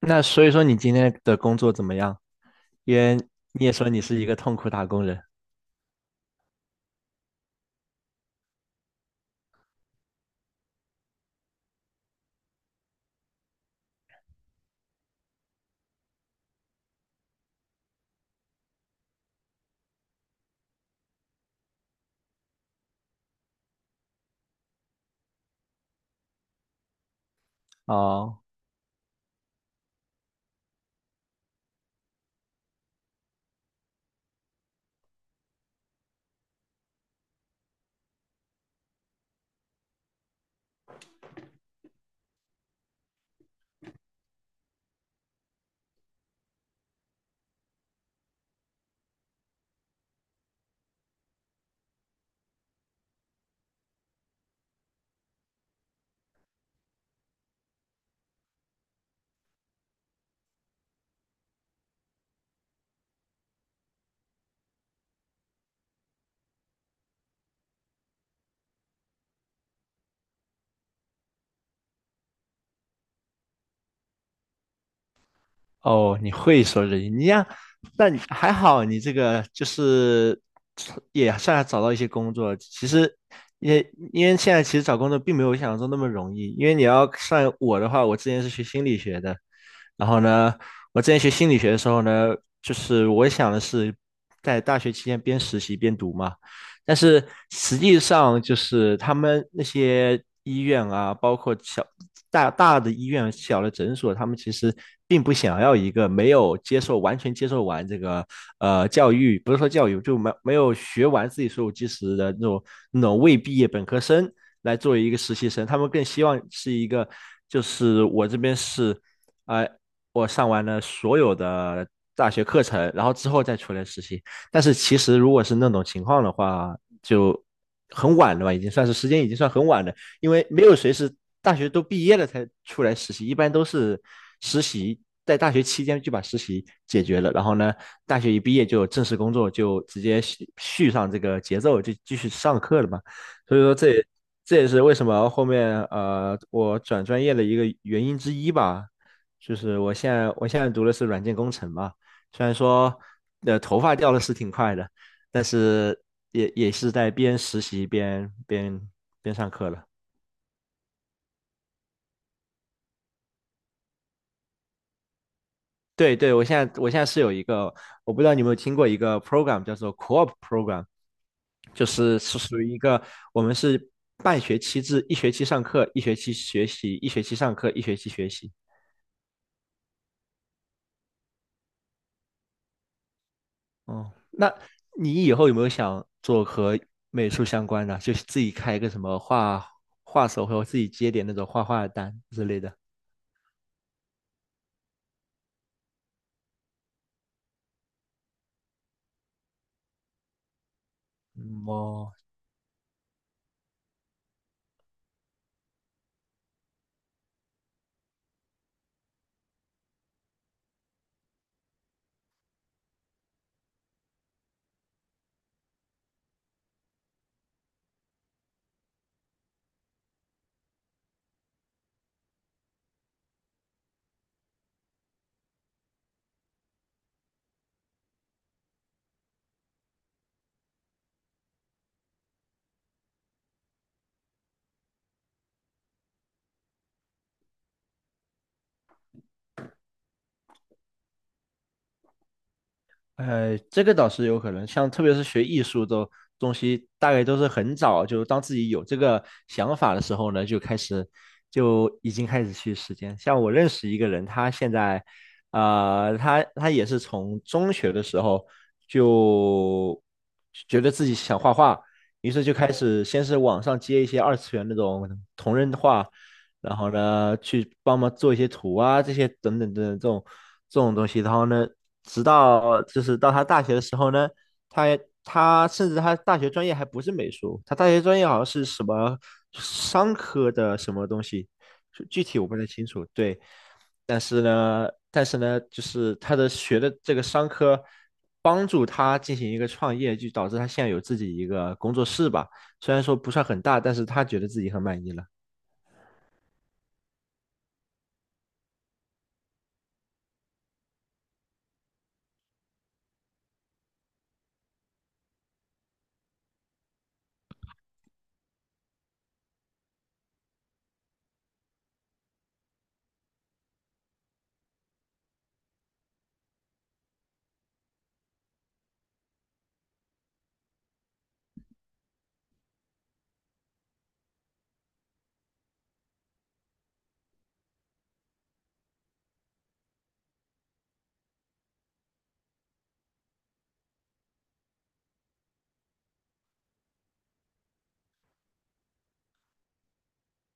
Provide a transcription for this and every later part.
那所以说你今天的工作怎么样？因为你也说你是一个痛苦打工人。哦哦，你会说日语，你呀，但你还好你这个就是也算找到一些工作。其实也因为现在其实找工作并没有想象中那么容易，因为你要算我的话，我之前是学心理学的，然后呢，我之前学心理学的时候呢，就是我想的是在大学期间边实习边读嘛。但是实际上就是他们那些医院啊，包括小大大的医院、小的诊所，他们其实并不想要一个没有接受完全接受完这个教育，不是说教育，就没有学完自己所有知识的那种未毕业本科生来作为一个实习生，他们更希望是一个就是我这边是。呃，我上完了所有的大学课程，然后之后再出来实习。但是其实如果是那种情况的话，就很晚了吧，已经算是时间已经算很晚了，因为没有谁是大学都毕业了才出来实习，一般都是实习在大学期间就把实习解决了，然后呢，大学一毕业就有正式工作，就直接续上这个节奏，就继续上课了嘛。所以说这也是为什么后面我转专业的一个原因之一吧，就是我现在读的是软件工程嘛。虽然说头发掉的是挺快的，但是也是在边实习边边上课了。对对，我现在是有一个，我不知道你有没有听过一个 program 叫做 co-op program,就是是属于一个我们是半学期制，一学期上课，一学期学习，一学期上课，一学期学习。哦，那你以后有没有想做和美术相关的，就是自己开一个什么画画手，或者自己接点那种画画的单之类的？嗯，哦，这个倒是有可能，像特别是学艺术的东西，大概都是很早，就当自己有这个想法的时候呢，就开始就已经开始去实践。像我认识一个人，他现在，他也是从中学的时候就觉得自己想画画，于是就开始先是网上接一些二次元那种同人画，然后呢，去帮忙做一些图啊，这些等等这种东西。然后呢，直到就是到他大学的时候呢，他他甚至他大学专业还不是美术，他大学专业好像是什么商科的什么东西，具体我不太清楚。对，但是呢，就是他的学的这个商科帮助他进行一个创业，就导致他现在有自己一个工作室吧。虽然说不算很大，但是他觉得自己很满意了。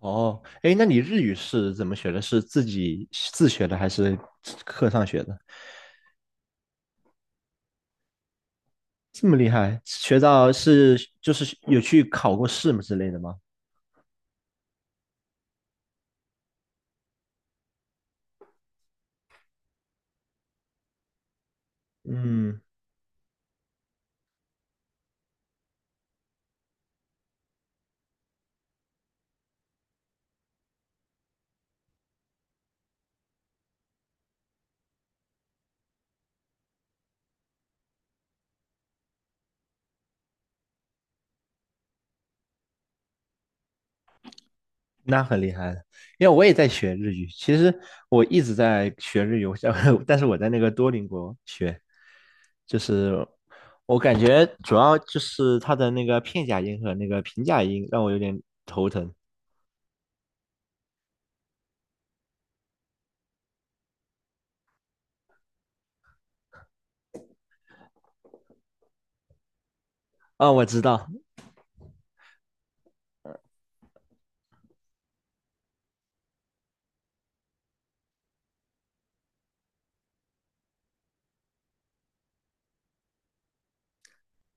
哦，哎，那你日语是怎么学的？是自己自学的还是课上学的？这么厉害，学到是就是有去考过试吗之类的吗？嗯，那很厉害了，因为我也在学日语。其实我一直在学日语，我想 但是我在那个多邻国学，就是我感觉主要就是它的那个片假音和那个平假音让我有点头疼。啊、我知道，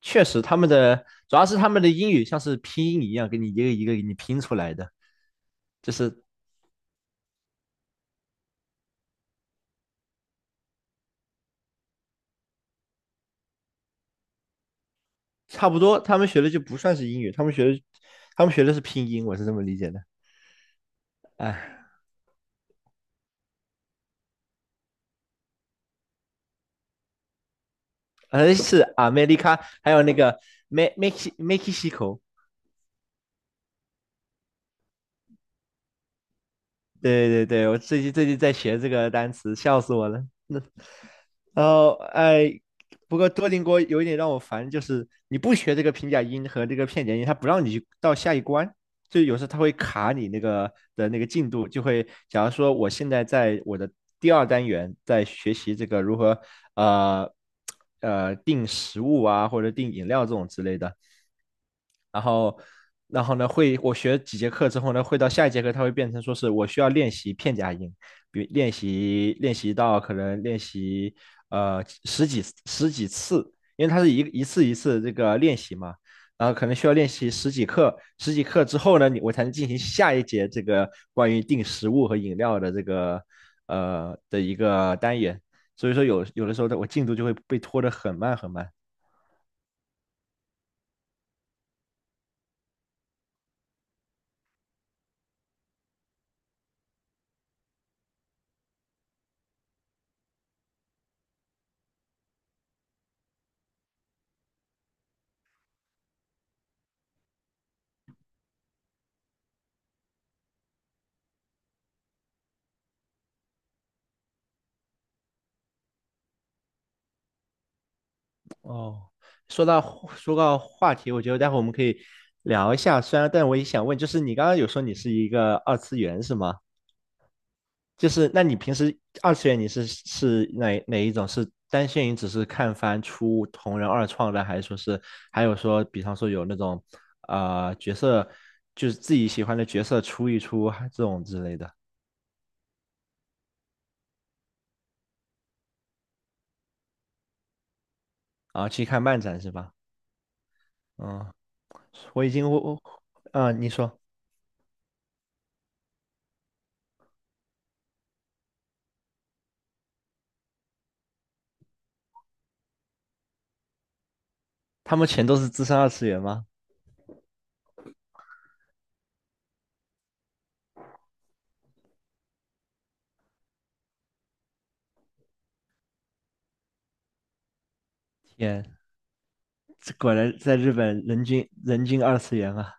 确实他们的主要是他们的英语像是拼音一样，给你一个一个给你拼出来的，就是差不多他们学的就不算是英语，他们学的是拼音，我是这么理解的。哎，是 America,还有那个 Mexico，对对对，我最近最近在学这个单词，笑死我了。那然后哎，不过多邻国有一点让我烦，就是你不学这个平假音和这个片假音，它不让你去到下一关，就有时候它会卡你那个的那个进度，就会假如说我现在在我的第二单元在学习这个如何呃订食物啊或者订饮料这种之类的，然后，然后呢，会我学几节课之后呢，会到下一节课，它会变成说是我需要练习片假音，比如练习到可能练习十几次，因为它是一次一次这个练习嘛，然后可能需要练习十几课，十几课之后呢，我才能进行下一节这个关于定食物和饮料的这个的一个单元，所以说有的时候的我进度就会被拖得很慢很慢。哦，说到说到话题，我觉得待会我们可以聊一下。虽然，但我也想问，就是你刚刚有说你是一个二次元是吗？就是那你平时二次元你是哪一种？是单线于只是看番出同人二创的，还是说是还有说，比方说有那种角色，就是自己喜欢的角色出一出啊这种之类的，然后去看漫展是吧？嗯，我已经我我啊，你说他们全都是资深二次元吗？天。这果然在日本人均二次元啊，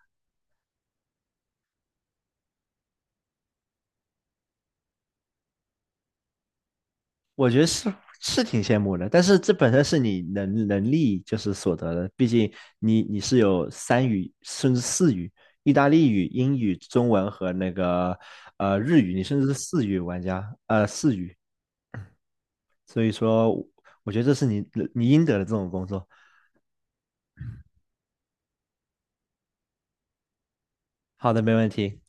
我觉得是是挺羡慕的，但是这本身是你能力就是所得的，毕竟你是有三语甚至四语，意大利语、英语、中文和那个日语，你甚至是四语玩家，呃四语，所以说我觉得这是你应得的这种工作。好的，没问题。